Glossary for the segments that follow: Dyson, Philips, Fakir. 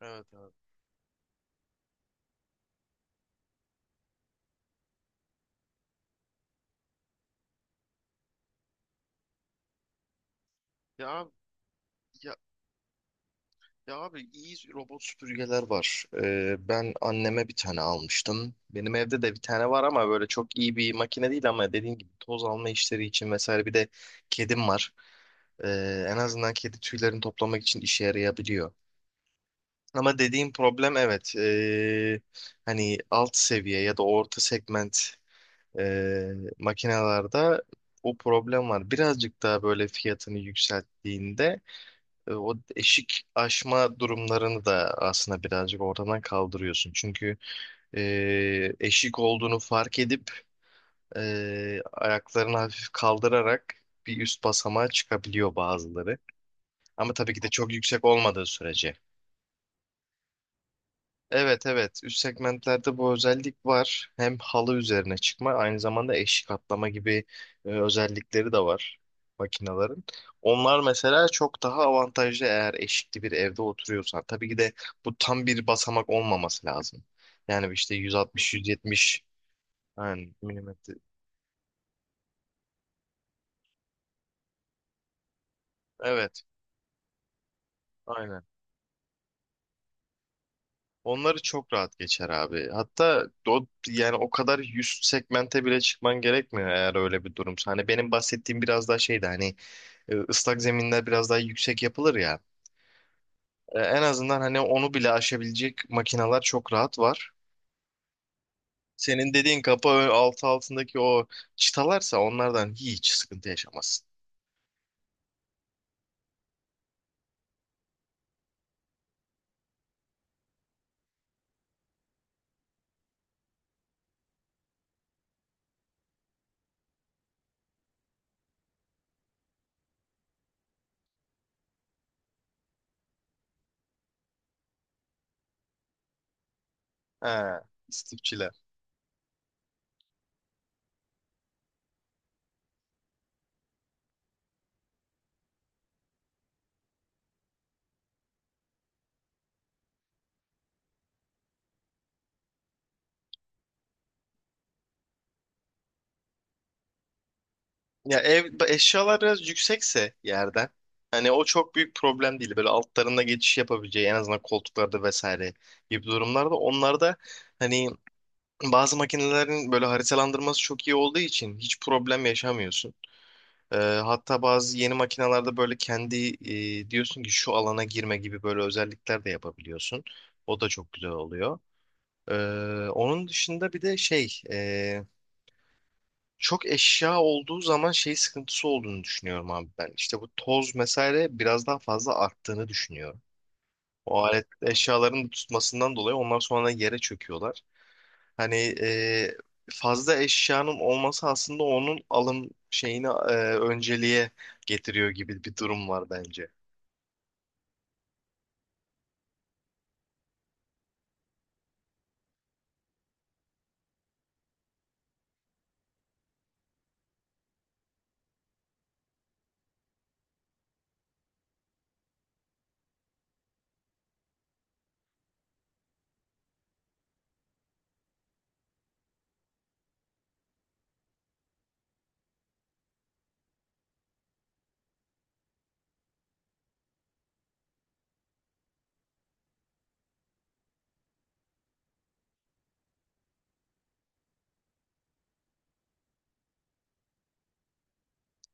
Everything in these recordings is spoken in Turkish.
Evet abi. Ya, abi- ya, ya abi iyi robot süpürgeler var. Ben anneme bir tane almıştım. Benim evde de bir tane var ama böyle çok iyi bir makine değil ama dediğim gibi toz alma işleri için vesaire bir de kedim var. En azından kedi tüylerini toplamak için işe yarayabiliyor. Ama dediğim problem evet, hani alt seviye ya da orta segment, ee, makinelerde o problem var. Birazcık daha böyle fiyatını yükselttiğinde o eşik aşma durumlarını da aslında birazcık ortadan kaldırıyorsun. Çünkü e, eşik olduğunu fark edip, ayaklarını hafif kaldırarak bir üst basamağa çıkabiliyor bazıları. Ama tabii ki de çok yüksek olmadığı sürece. Evet, evet, üst segmentlerde bu özellik var. Hem halı üzerine çıkma aynı zamanda eşik atlama gibi, özellikleri de var makinelerin. Onlar mesela çok daha avantajlı eğer eşikli bir evde oturuyorsan. Tabii ki de bu tam bir basamak olmaması lazım. Yani işte 160-170, yani milimetre. Evet, aynen. Onları çok rahat geçer abi. Hatta o, yani o kadar üst segmente bile çıkman gerekmiyor eğer öyle bir durumsa. Hani benim bahsettiğim biraz daha şeydi, hani ıslak zeminler biraz daha yüksek yapılır ya. En azından hani onu bile aşabilecek makineler çok rahat var. Senin dediğin altı altındaki o çıtalarsa onlardan hiç sıkıntı yaşamazsın. He, istifçiler. Ya ev eşyalar biraz yüksekse yerden, hani o çok büyük problem değil. Böyle altlarında geçiş yapabileceği en azından koltuklarda vesaire gibi durumlarda onlarda hani bazı makinelerin böyle haritalandırması çok iyi olduğu için hiç problem yaşamıyorsun. Ee, Hatta bazı yeni makinelerde böyle kendi, diyorsun ki şu alana girme gibi böyle özellikler de yapabiliyorsun. O da çok güzel oluyor. Ee, Onun dışında bir de şey, çok eşya olduğu zaman şey sıkıntısı olduğunu düşünüyorum abi ben. İşte bu toz vesaire biraz daha fazla arttığını düşünüyorum. O alet eşyaların tutmasından dolayı onlar sonra yere çöküyorlar. Hani fazla eşyanın olması aslında onun alım şeyini, önceliğe getiriyor gibi bir durum var bence.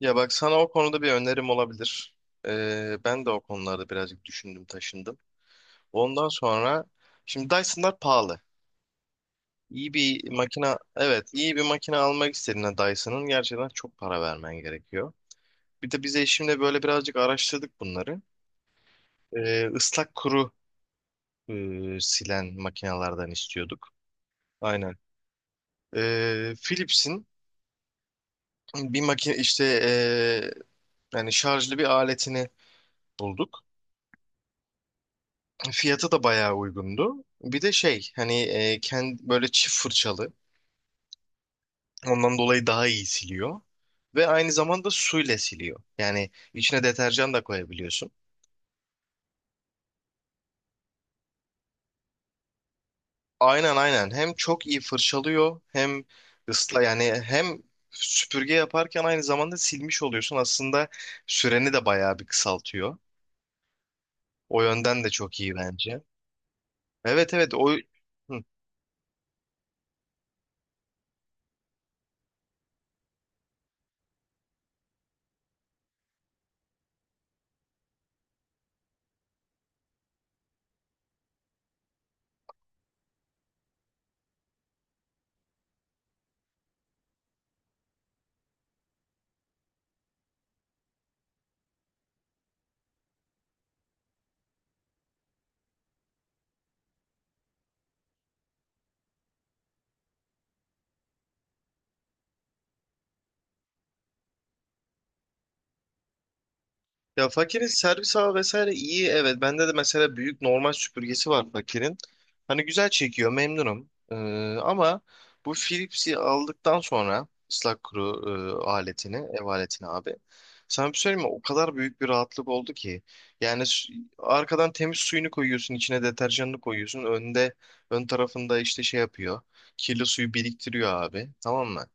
Ya bak sana o konuda bir önerim olabilir. Ben de o konularda birazcık düşündüm taşındım. Ondan sonra şimdi Dyson'lar pahalı. İyi bir makine, evet iyi bir makine almak istediğinde Dyson'ın gerçekten çok para vermen gerekiyor. Bir de biz eşimle böyle birazcık araştırdık bunları. Islak kuru, e, silen makinelerden istiyorduk. Aynen. Philips'in bir makine işte, yani şarjlı bir aletini bulduk. Fiyatı da bayağı uygundu. Bir de şey hani, kendi böyle çift fırçalı. Ondan dolayı daha iyi siliyor. Ve aynı zamanda suyla siliyor. Yani içine deterjan da koyabiliyorsun. Aynen, aynen. Hem çok iyi fırçalıyor hem ısla, yani hem süpürge yaparken aynı zamanda silmiş oluyorsun. Aslında süreni de bayağı bir kısaltıyor. O yönden de çok iyi bence. Evet, evet, o. Hı. Ya Fakir'in servis ağı vesaire iyi, evet. Bende de mesela büyük normal süpürgesi var Fakir'in. Hani güzel çekiyor, memnunum. Ama bu Philips'i aldıktan sonra ıslak kuru, aletini, ev aletini abi. Sana bir söyleyeyim mi? O kadar büyük bir rahatlık oldu ki. Yani arkadan temiz suyunu koyuyorsun, içine deterjanını koyuyorsun. Önde, ön tarafında işte şey yapıyor. Kirli suyu biriktiriyor abi. Tamam mı?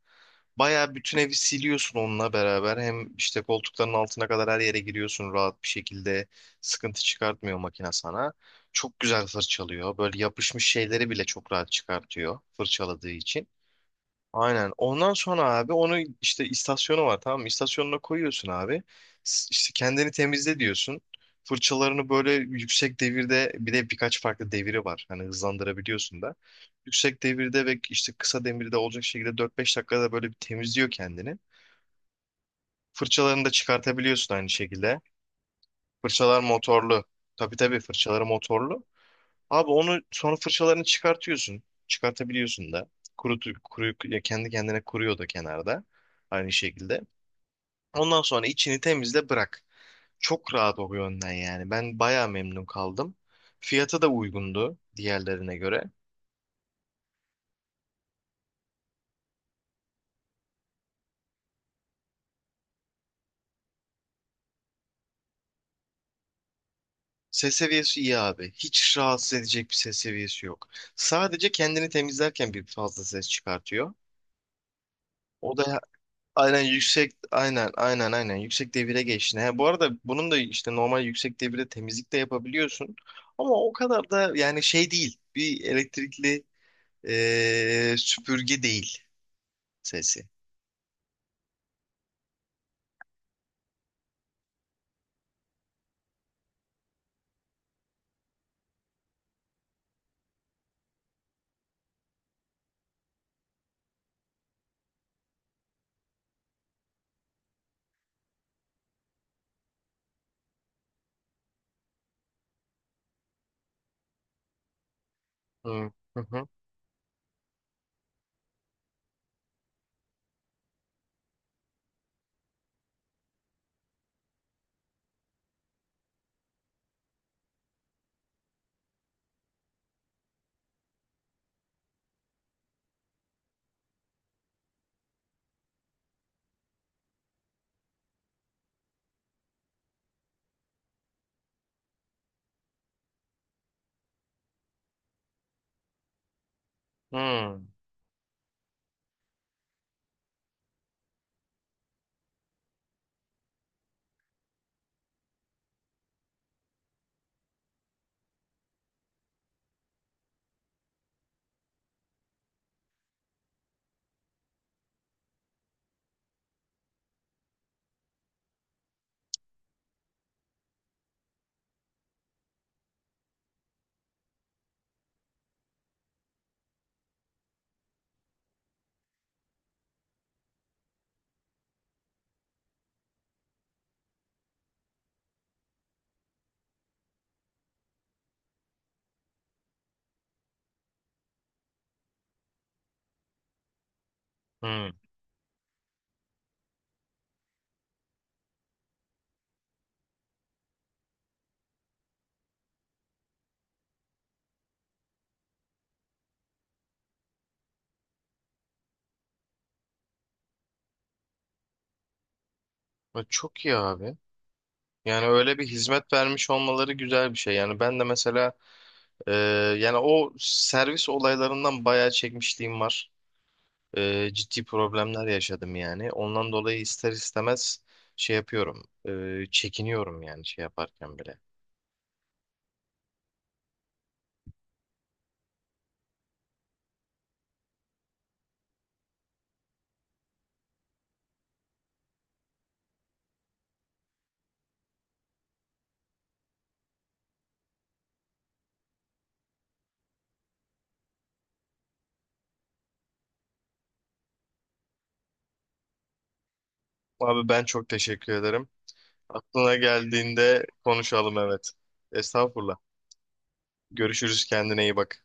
Bayağı bütün evi siliyorsun onunla beraber. Hem işte koltukların altına kadar her yere giriyorsun rahat bir şekilde. Sıkıntı çıkartmıyor makine sana. Çok güzel fırçalıyor. Böyle yapışmış şeyleri bile çok rahat çıkartıyor fırçaladığı için. Aynen. Ondan sonra abi onu işte istasyonu var, tamam mı? İstasyonuna koyuyorsun abi. İşte kendini temizle diyorsun. Fırçalarını böyle yüksek devirde, bir de birkaç farklı deviri var. Hani hızlandırabiliyorsun da. Yüksek devirde ve işte kısa devirde olacak şekilde 4-5 dakikada böyle bir temizliyor kendini. Fırçalarını da çıkartabiliyorsun aynı şekilde. Fırçalar motorlu. Tabii, tabii, fırçaları motorlu. Abi onu sonra fırçalarını çıkartıyorsun. Çıkartabiliyorsun da. Ya kendi kendine kuruyor da kenarda. Aynı şekilde. Ondan sonra içini temizle bırak. Çok rahat o yönden yani. Ben bayağı memnun kaldım. Fiyatı da uygundu diğerlerine göre. Ses seviyesi iyi abi. Hiç rahatsız edecek bir ses seviyesi yok. Sadece kendini temizlerken bir fazla ses çıkartıyor. O da aynen, yüksek, aynen, yüksek devire geçtin. He, bu arada bunun da işte normal yüksek devirde temizlik de yapabiliyorsun. Ama o kadar da yani şey değil. Bir elektrikli süpürge değil sesi. Hı hı hı. Hı hı. Ya çok iyi abi. Yani öyle bir hizmet vermiş olmaları güzel bir şey. Yani ben de mesela eee, yani o servis olaylarından bayağı çekmişliğim var. Ciddi problemler yaşadım yani. Ondan dolayı ister istemez şey yapıyorum. Çekiniyorum yani şey yaparken bile. Abi ben çok teşekkür ederim. Aklına geldiğinde konuşalım, evet. Estağfurullah. Görüşürüz, kendine iyi bak.